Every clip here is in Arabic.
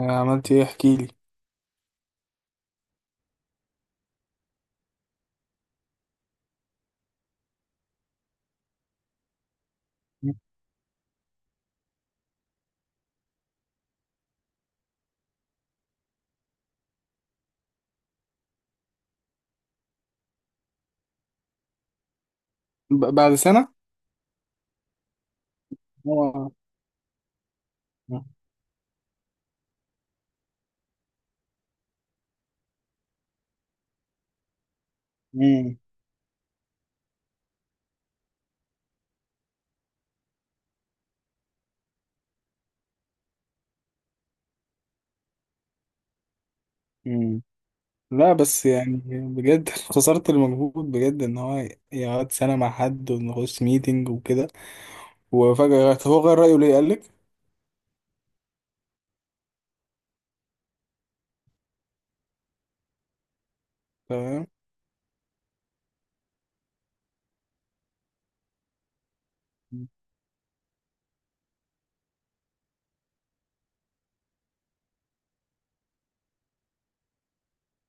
عملت ايه؟ احكي لي. بعد سنة؟ اه. مم. مم. لا، بس يعني بجد خسرت المجهود بجد ان هو يقعد سنة مع حد ونخش ميتنج وكده. وفجأة طب هو غير رأيه ليه قالك؟ تمام.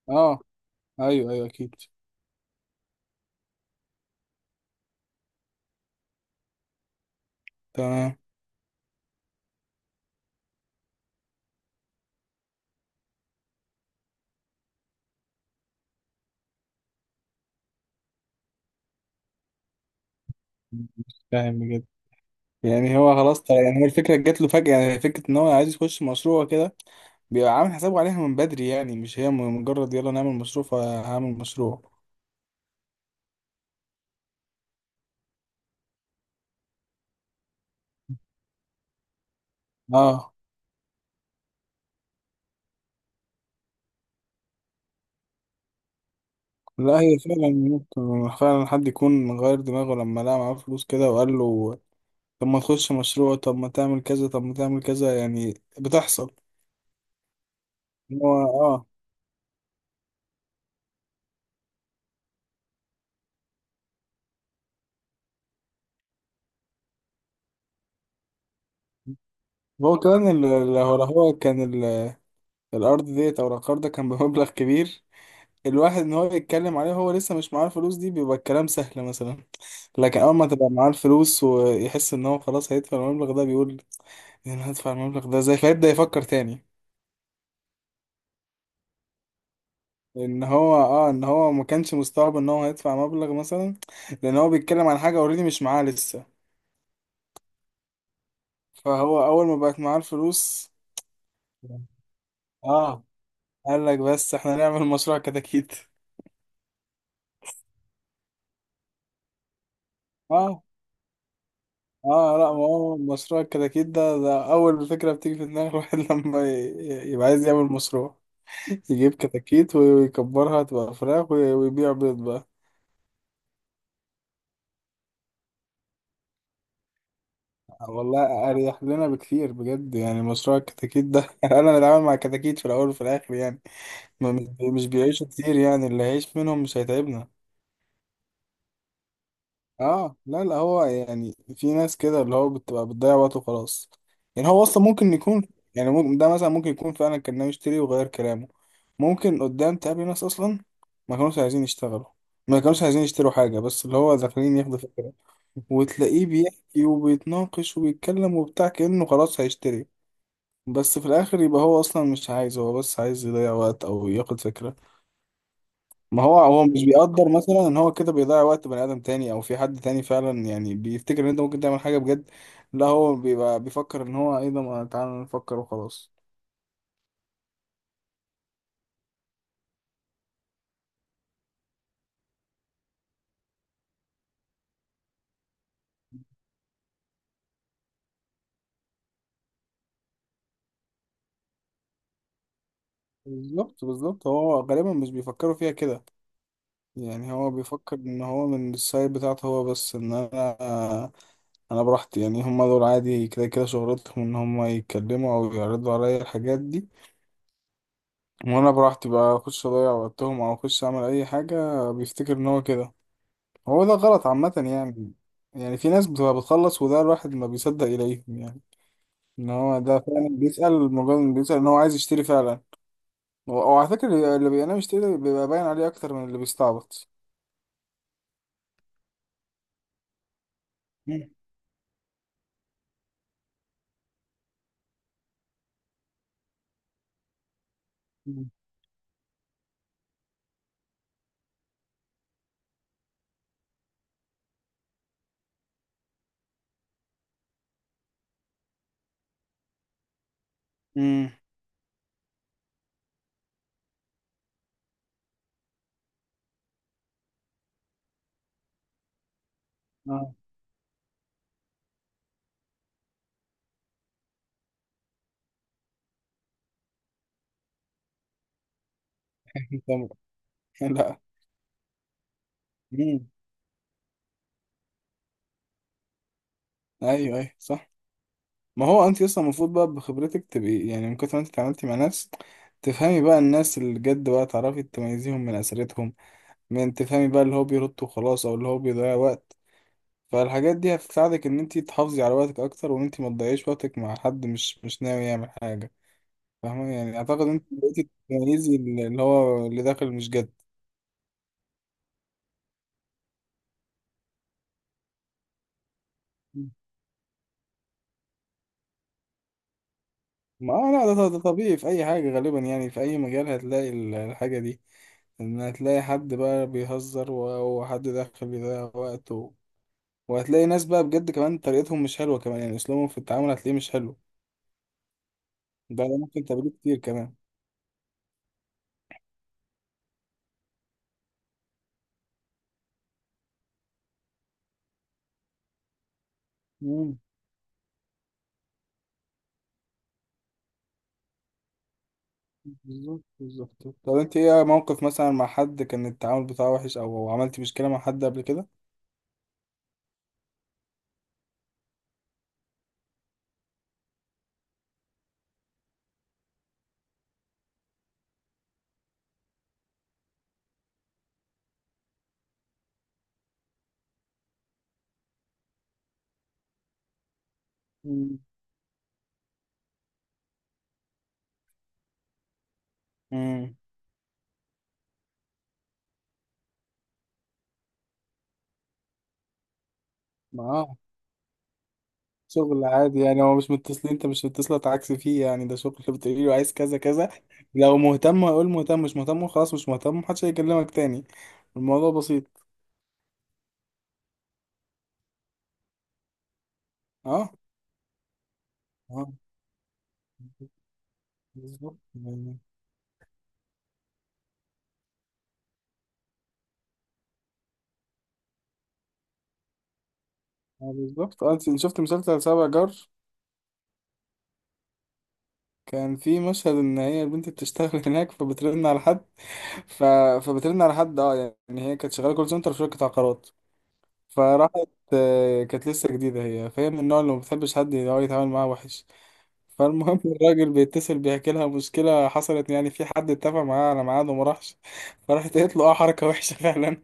اه، ايوه، ايوه، اكيد. تمام. مش فاهم بجد. يعني هو خلاص، طيب يعني هو الفكرة جات له فجأة، يعني فكرة ان هو عايز يخش مشروع كده. بيبقى عامل حسابه عليها من بدري يعني، مش هي مجرد يلا نعمل مشروع فهعمل مشروع. اه، لا هي فعلا ممكن، فعلا حد يكون غير دماغه لما لقى معاه فلوس كده، وقال له طب ما تخش مشروع، طب ما تعمل كذا، طب ما تعمل كذا يعني. بتحصل. إن هو هو كمان الأرض ديت أو العقار ده كان بمبلغ كبير. الواحد إن هو يتكلم عليه وهو لسه مش معاه الفلوس دي، بيبقى الكلام سهل مثلا. لكن أول ما تبقى معاه الفلوس ويحس إن هو خلاص هيدفع المبلغ ده، بيقول يعني هدفع المبلغ ده ازاي، فيبدأ يفكر تاني. ان هو ما كانش مستوعب ان هو هيدفع مبلغ مثلا، لان هو بيتكلم عن حاجه اوريدي مش معاه لسه. فهو اول ما بقت معاه الفلوس. اه. قال لك بس احنا نعمل مشروع كتاكيت. اه، اه لا، ما هو مشروع الكتاكيت ده، ده اول فكره بتيجي في دماغ الواحد لما يبقى عايز يعمل مشروع. يجيب كتاكيت ويكبرها تبقى فراخ ويبيع بيض بقى. والله اريح لنا بكثير بجد، يعني مشروع الكتاكيت ده انا اتعامل مع كتاكيت في الاول وفي الاخر يعني. ما مش بيعيشوا كتير، يعني اللي هيعيش منهم مش هيتعبنا. اه، لا لا هو يعني في ناس كده اللي هو بتبقى بتضيع وقته خلاص. يعني هو اصلا ممكن يكون، يعني ممكن ده مثلا ممكن يكون فعلا كان ناوي يشتري وغير كلامه. ممكن قدام تقابل ناس اصلا ما كانوش عايزين يشتغلوا، ما كانوش عايزين يشتروا حاجة، بس اللي هو داخلين ياخدوا فكرة. وتلاقيه بيحكي وبيتناقش وبيتكلم وبتاع كأنه خلاص هيشتري، بس في الآخر يبقى هو أصلا مش عايز، هو بس عايز يضيع وقت أو ياخد فكرة. ما هو هو مش بيقدر مثلا ان هو كده بيضيع وقت بني ادم تاني، او في حد تاني فعلا يعني بيفتكر ان انت ممكن تعمل حاجه بجد. لا هو بيبقى بيفكر ان هو ايه ده، ما تعالى نفكر وخلاص. بالظبط بالظبط، هو غالبا مش بيفكروا فيها كده. يعني هو بيفكر ان هو من السايد بتاعته هو بس، ان انا براحتي يعني. هم دول عادي كده كده شغلتهم، ان هم يتكلموا او يعرضوا عليا الحاجات دي. وانا براحتي بقى اخش اضيع وقتهم، او اخش اعمل اي حاجه، بيفتكر ان هو كده. هو ده غلط عامة يعني. يعني في ناس بتبقى بتخلص، وده الواحد ما بيصدق إليهم يعني. إن هو ده فعلا بيسأل، مجرد إنه بيسأل إن هو عايز يشتري فعلا. وعلى فكرة اللي بينام يشتري ده بيبقى باين عليه أكتر من اللي بيستعبط. مم. مم. مم. آه. لا. مم. أيوه، أيوه، صح. ما هو أنت أصلا المفروض بقى بخبرتك تبقي يعني، من كتر ما أنت اتعاملتي مع ناس، تفهمي بقى الناس اللي جد، بقى تعرفي تميزيهم من أسرتهم. من تفهمي بقى اللي هو بيرد وخلاص، أو اللي هو بيضيع وقت. فالحاجات دي هتساعدك ان انت تحافظي على وقتك اكتر، وان انت ما تضيعيش وقتك مع حد مش ناوي يعمل حاجه. فاهمه يعني، اعتقد ان انت بقيتي تميزي اللي هو اللي داخل مش جد. ما آه، لا ده طبيعي في اي حاجه، غالبا يعني في اي مجال هتلاقي الحاجه دي. ان هتلاقي حد بقى بيهزر، وحد داخل بيضيع وقته. وهتلاقي ناس بقى بجد كمان طريقتهم مش حلوه كمان، يعني اسلوبهم في التعامل هتلاقيه مش حلو. ده ممكن تقابله كتير كمان. مم. بالظبط بالظبط، طب انت ايه موقف مثلا مع حد كان التعامل بتاعه وحش، او عملتي مشكلة مع حد قبل كده؟ مم. امم. معاه. شغل عادي يعني هو مش متصلين، انت مش متصلة تعكس فيه يعني، ده شغل، بتقولي له عايز كذا كذا. لو مهتم هيقول مهتم، مش مهتم خلاص مش مهتم، محدش هيكلمك تاني. الموضوع بسيط. اه، اه بالظبط يعني. اه بالظبط. اه، انت شفت مسلسل سبع جار؟ كان في مشهد ان هي البنت بتشتغل هناك، فبترن على حد. ف... فبترن على حد اه يعني هي كانت شغاله كول سنتر في شركه عقارات. فراحت، كانت لسه جديده هي، فهي من النوع اللي ما بتحبش حد اللي هو يتعامل معاه وحش. فالمهم الراجل بيتصل بيحكي لها مشكله حصلت يعني، في حد اتفق معاه على ميعاد وما راحش. فراحت قالت له اه حركه وحشه فعلا.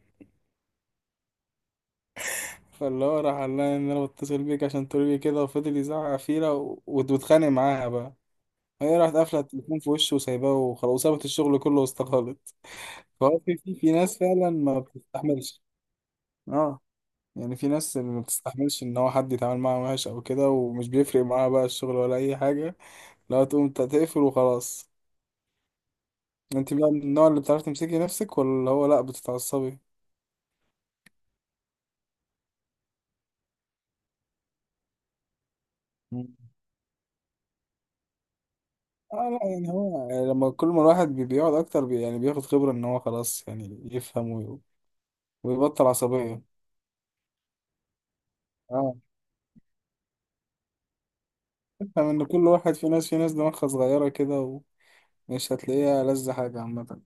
فاللي هو راح قال لها ان انا بتصل بيك عشان تقولي لي كده، وفضل يزعق فيها واتخانق معاها بقى. هي راحت قافله التليفون في وشه وسايباه وخلاص، وسابت الشغل كله واستقالت. فهو في ناس فعلا ما بتستحملش. اه، يعني في ناس اللي ما بتستحملش ان هو حد يتعامل معاها وحش او كده، ومش بيفرق معاها بقى الشغل ولا اي حاجه. لو تقوم انت تقفل وخلاص. انت بقى من النوع اللي بتعرف تمسكي نفسك، ولا هو لا بتتعصبي؟ مم. اه، لا يعني هو، لما كل ما الواحد بيقعد اكتر يعني بياخد خبره ان هو خلاص يعني يفهم ويبطل عصبيه. اه، يفهم ان كل واحد، في ناس دماغها صغيره كده، ومش هتلاقيها لذة، حاجه عامه.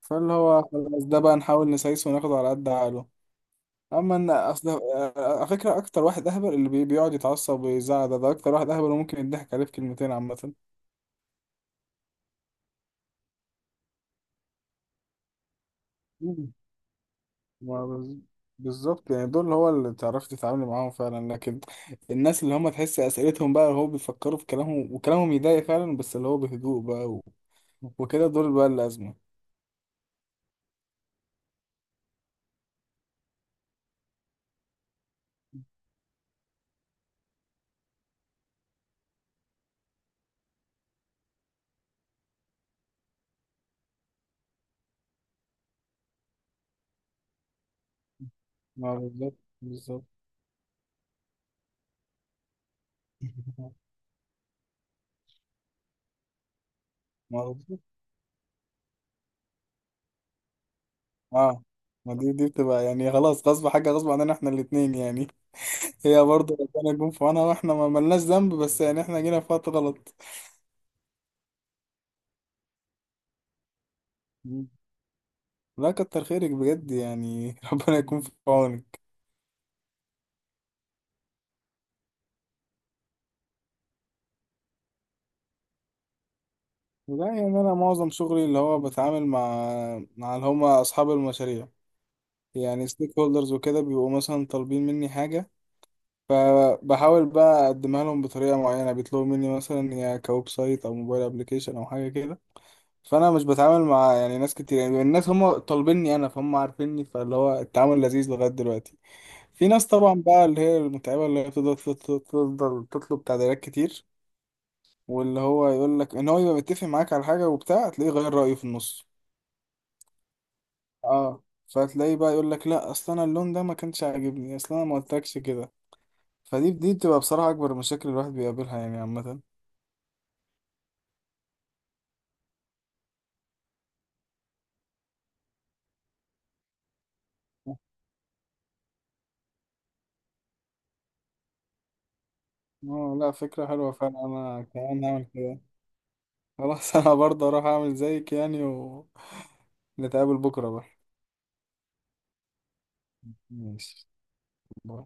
فاللي هو خلاص، ده بقى نحاول نسايسه وناخده على قد عقله. اما ان اصل على فكره اكتر واحد اهبل اللي بيقعد يتعصب ويزعق ده، ده اكتر واحد اهبل، وممكن يضحك عليه في كلمتين عامه. مم. ما بز- بالظبط يعني، دول هو اللي تعرفي تتعاملي معاهم فعلا. لكن الناس اللي هم تحس اسئلتهم بقى، هو بيفكروا في كلامهم وكلامهم يضايق فعلا، بس اللي هو بهدوء بقى وكده، دول بقى الازمه. ما بالظبط بالظبط ما بالظبط. اه، ما دي بتبقى يعني خلاص، غصب حاجه غصب عننا احنا الاثنين يعني. هي برضه ربنا يكون في عونها، واحنا ما ملناش ذنب، بس يعني احنا جينا في وقت غلط. مم. لا، كتر خيرك بجد يعني ربنا يكون في عونك. لا يعني انا معظم شغلي اللي هو بتعامل مع اللي هم اصحاب المشاريع. يعني ستيك هولدرز وكده، بيبقوا مثلا طالبين مني حاجه. فبحاول بقى اقدمها لهم بطريقه معينه. بيطلبوا مني مثلا يا كويب سايت او موبايل ابلكيشن او حاجه كده. فانا مش بتعامل مع يعني ناس كتير، يعني الناس هم طالبيني انا، فهم عارفيني، فاللي هو التعامل لذيذ لغايه دلوقتي. في ناس طبعا بقى اللي هي المتعبه، اللي هي بتفضل تفضل تفضل تطلب تعديلات كتير. واللي هو يقول لك ان هو يبقى متفق معاك على حاجه وبتاع، تلاقيه غير رايه في النص. اه، فتلاقيه بقى يقول لك لا، اصل انا اللون ده ما كانش عاجبني، اصل انا ما قلتلكش كده. فدي بتبقى بصراحه اكبر المشاكل الواحد بيقابلها يعني عامه. اه، لا فكرة حلوة فعلا، انا كمان هعمل كده. خلاص انا برضه اروح اعمل زيك يعني، نتقابل بكرة بقى. ماشي. باي.